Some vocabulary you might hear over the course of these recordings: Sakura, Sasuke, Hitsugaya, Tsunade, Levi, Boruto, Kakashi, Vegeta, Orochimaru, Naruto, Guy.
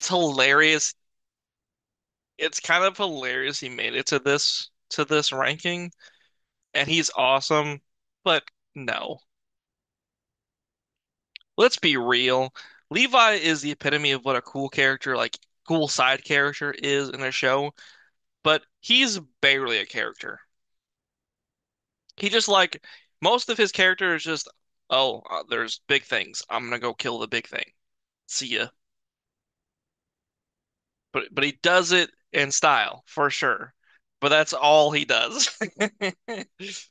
It's hilarious. It's kind of hilarious he made it to this ranking, and he's awesome. But no, let's be real. Levi is the epitome of what a cool character, like cool side character, is in a show. But he's barely a character. He just like most of his character is just, oh, there's big things. I'm gonna go kill the big thing. See ya. But he does it in style for sure. But that's all he does.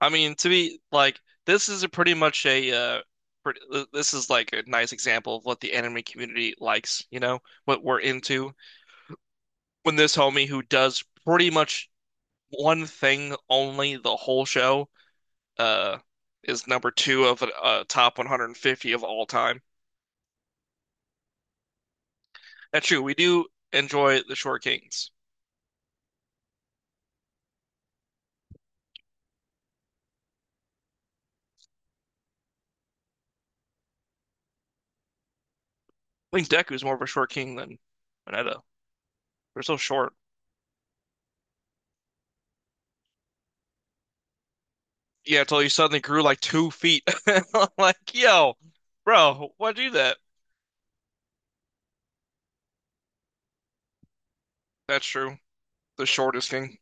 I mean, to be like, this is a pretty much a pretty, this is like a nice example of what the anime community likes, what we're into. When this homie who does pretty much one thing only the whole show, uh, is number two of a, top 150 of all time. That's true. We do enjoy the short kings. I think Deku's more of a short king than Vegeta. They're so short. Yeah, until you suddenly grew like 2 feet. Like, yo, bro, why'd you do that? That's true. The shortest king.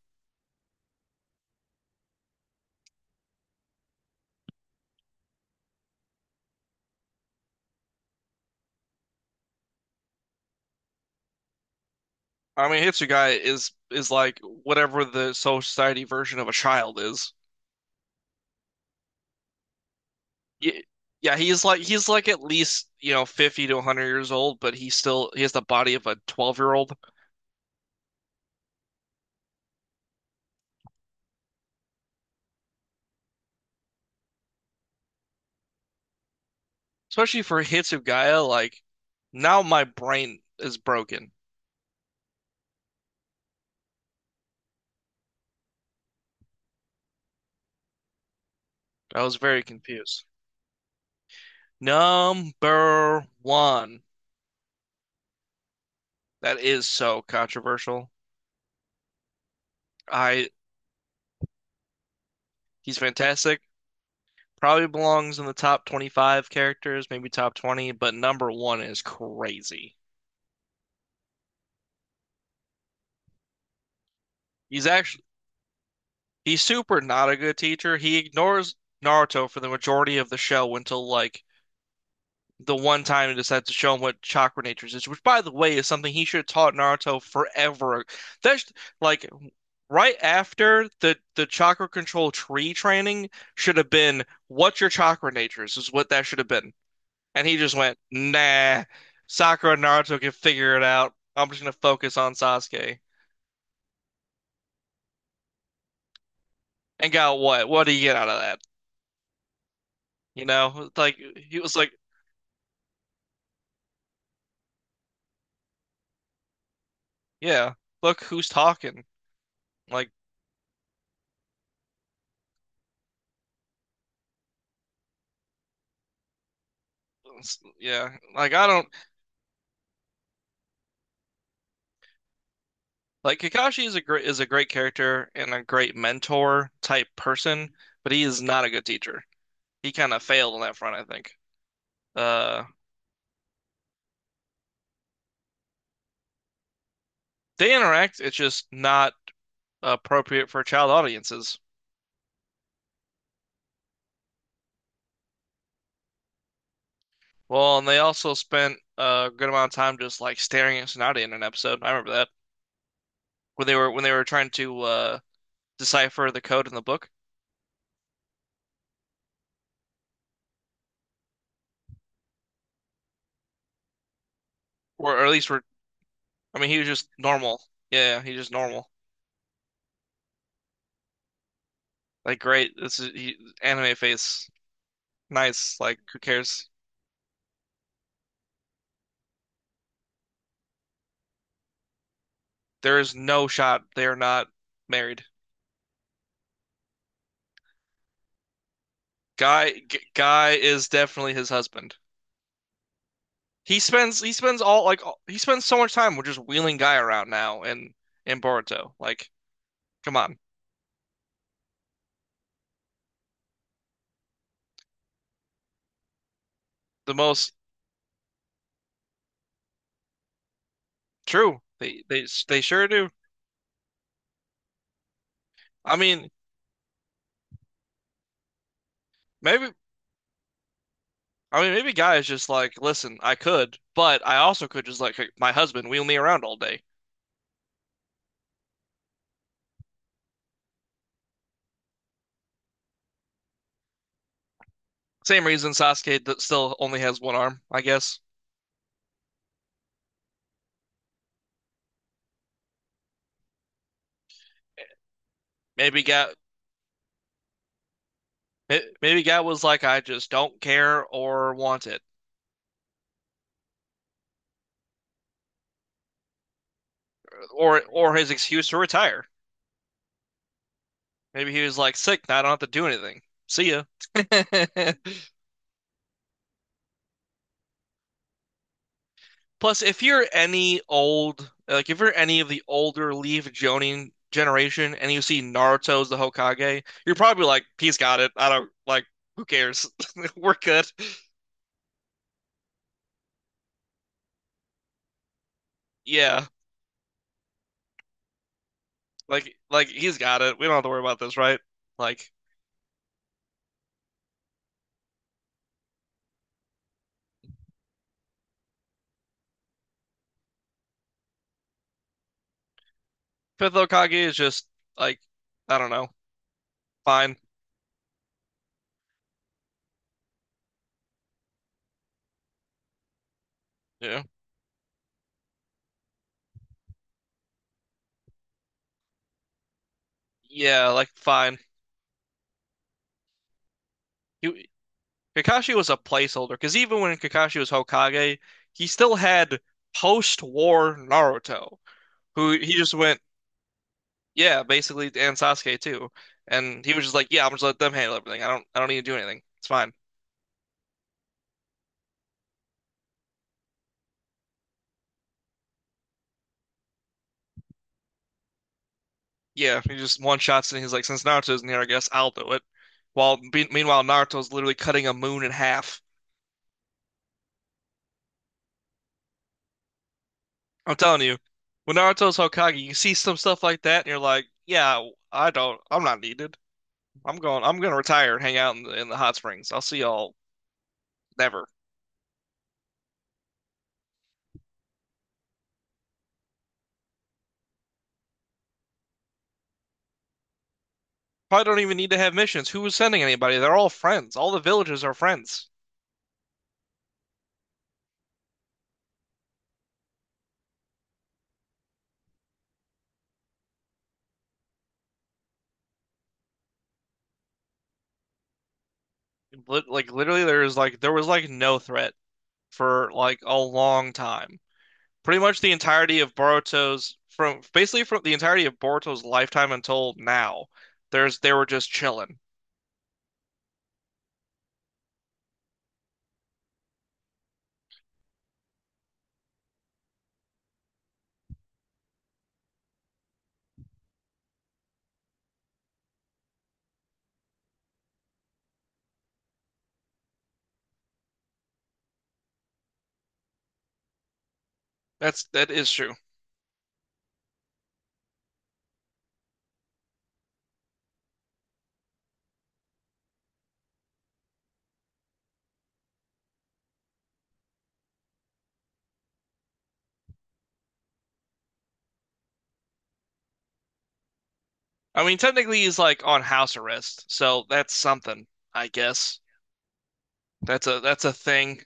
I mean, Hitsugai is like whatever the society version of a child is. Yeah, yeah, he's like at least, you know, 50 to 100 years old, but he still he has the body of a 12-year-old. Especially for Hitsugaya, like now my brain is broken. I was very confused. Number one. That is so controversial. I He's fantastic. Probably belongs in the top 25 characters, maybe top 20, but number one is crazy. He's actually he's super not a good teacher. He ignores Naruto for the majority of the show until like the one time he decides to show him what chakra natures is, which by the way is something he should have taught Naruto forever. That's like right after the chakra control tree training should have been what's your chakra natures is what that should have been. And he just went, nah, Sakura and Naruto can figure it out. I'm just gonna focus on Sasuke. And got what? What do you get out of that? You know, like he was like, yeah, look who's talking. Like, yeah, like I don't like Kakashi is a great character and a great mentor type person, but he is not a good teacher. He kind of failed on that front, I think. Uh, they interact, it's just not appropriate for child audiences. Well, and they also spent a good amount of time just like staring at Tsunade in an episode. I remember that when they were trying to decipher the code in the book, or at least were. I mean, he was just normal. Yeah, he was just normal. Like, great, anime face. Nice. Like, who cares? There is no shot they are not married. Guy is definitely his husband. He spends all like all, he spends so much time with just wheeling Guy around now in Boruto. Like, come on the most. True. They sure do. I mean, maybe I mean maybe guys just like, listen, I could, but I also could just like my husband wheel me around all day. Same reason Sasuke that still only has one arm, I guess. Maybe guy maybe guy was like, I just don't care or want it, or his excuse to retire. Maybe he was like sick, now I don't have to do anything. See ya. Plus, if you're any old, like if you're any of the older Leaf Jonin generation and you see Naruto's the Hokage, you're probably like, he's got it. I don't like, who cares? We're good. Yeah, like he's got it. We don't have to worry about this, right? Like Fifth Hokage is just like, I don't know, fine. Yeah, yeah, like fine. He, Kakashi was a placeholder because even when Kakashi was Hokage, he still had post-war Naruto, who he just went. Yeah, basically, and Sasuke too. And he was just like, "Yeah, I'm just let them handle everything. I don't need to do anything. It's fine." Yeah, he just one shots and he's like, "Since Naruto's in here, I guess I'll do it." While be meanwhile, Naruto's literally cutting a moon in half. I'm telling you, when Naruto's Hokage, you see some stuff like that, and you're like, "Yeah, I don't. I'm not needed. I'm going. I'm going to retire and hang out in the hot springs. I'll see y'all never. Probably don't even need to have missions. Who was sending anybody? They're all friends. All the villagers are friends. Like literally, there was like no threat for like a long time. Pretty much the entirety of Boruto's from basically from the entirety of Boruto's lifetime until now, there's they were just chilling. That is true. I mean, technically he's like on house arrest, so that's something, I guess. That's a thing.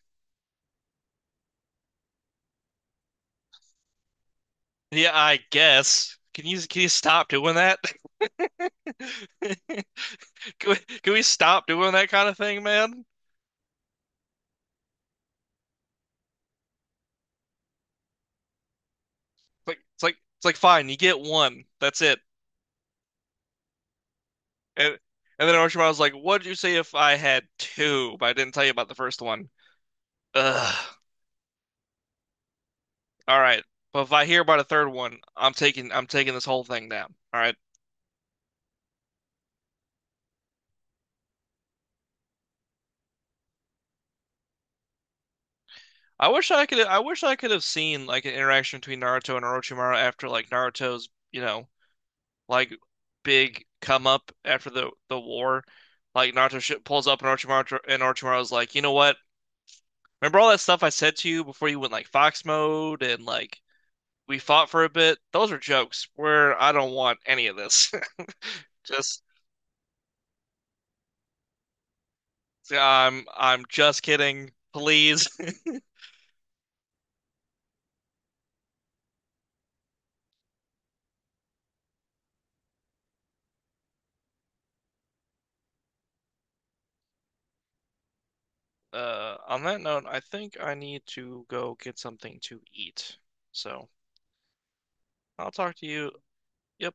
Yeah, I guess. Can you stop doing that? Can we, can we stop doing that kind of thing, man? It's like fine, you get one. That's it. And and then Orochimaru was like, "What'd you say if I had two, but I didn't tell you about the first one?" Ugh. All right. But if I hear about a third one, I'm taking this whole thing down. All right. I wish I could have seen like an interaction between Naruto and Orochimaru after like Naruto's, you know, like big come up after the war. Like Naruto sh pulls up and Orochimaru and Orochimaru's like, "You know what? Remember all that stuff I said to you before you went like fox mode and like we fought for a bit. Those are jokes. Where I don't want any of this." Just I'm just kidding. Please. On that note, I think I need to go get something to eat. So I'll talk to you. Yep.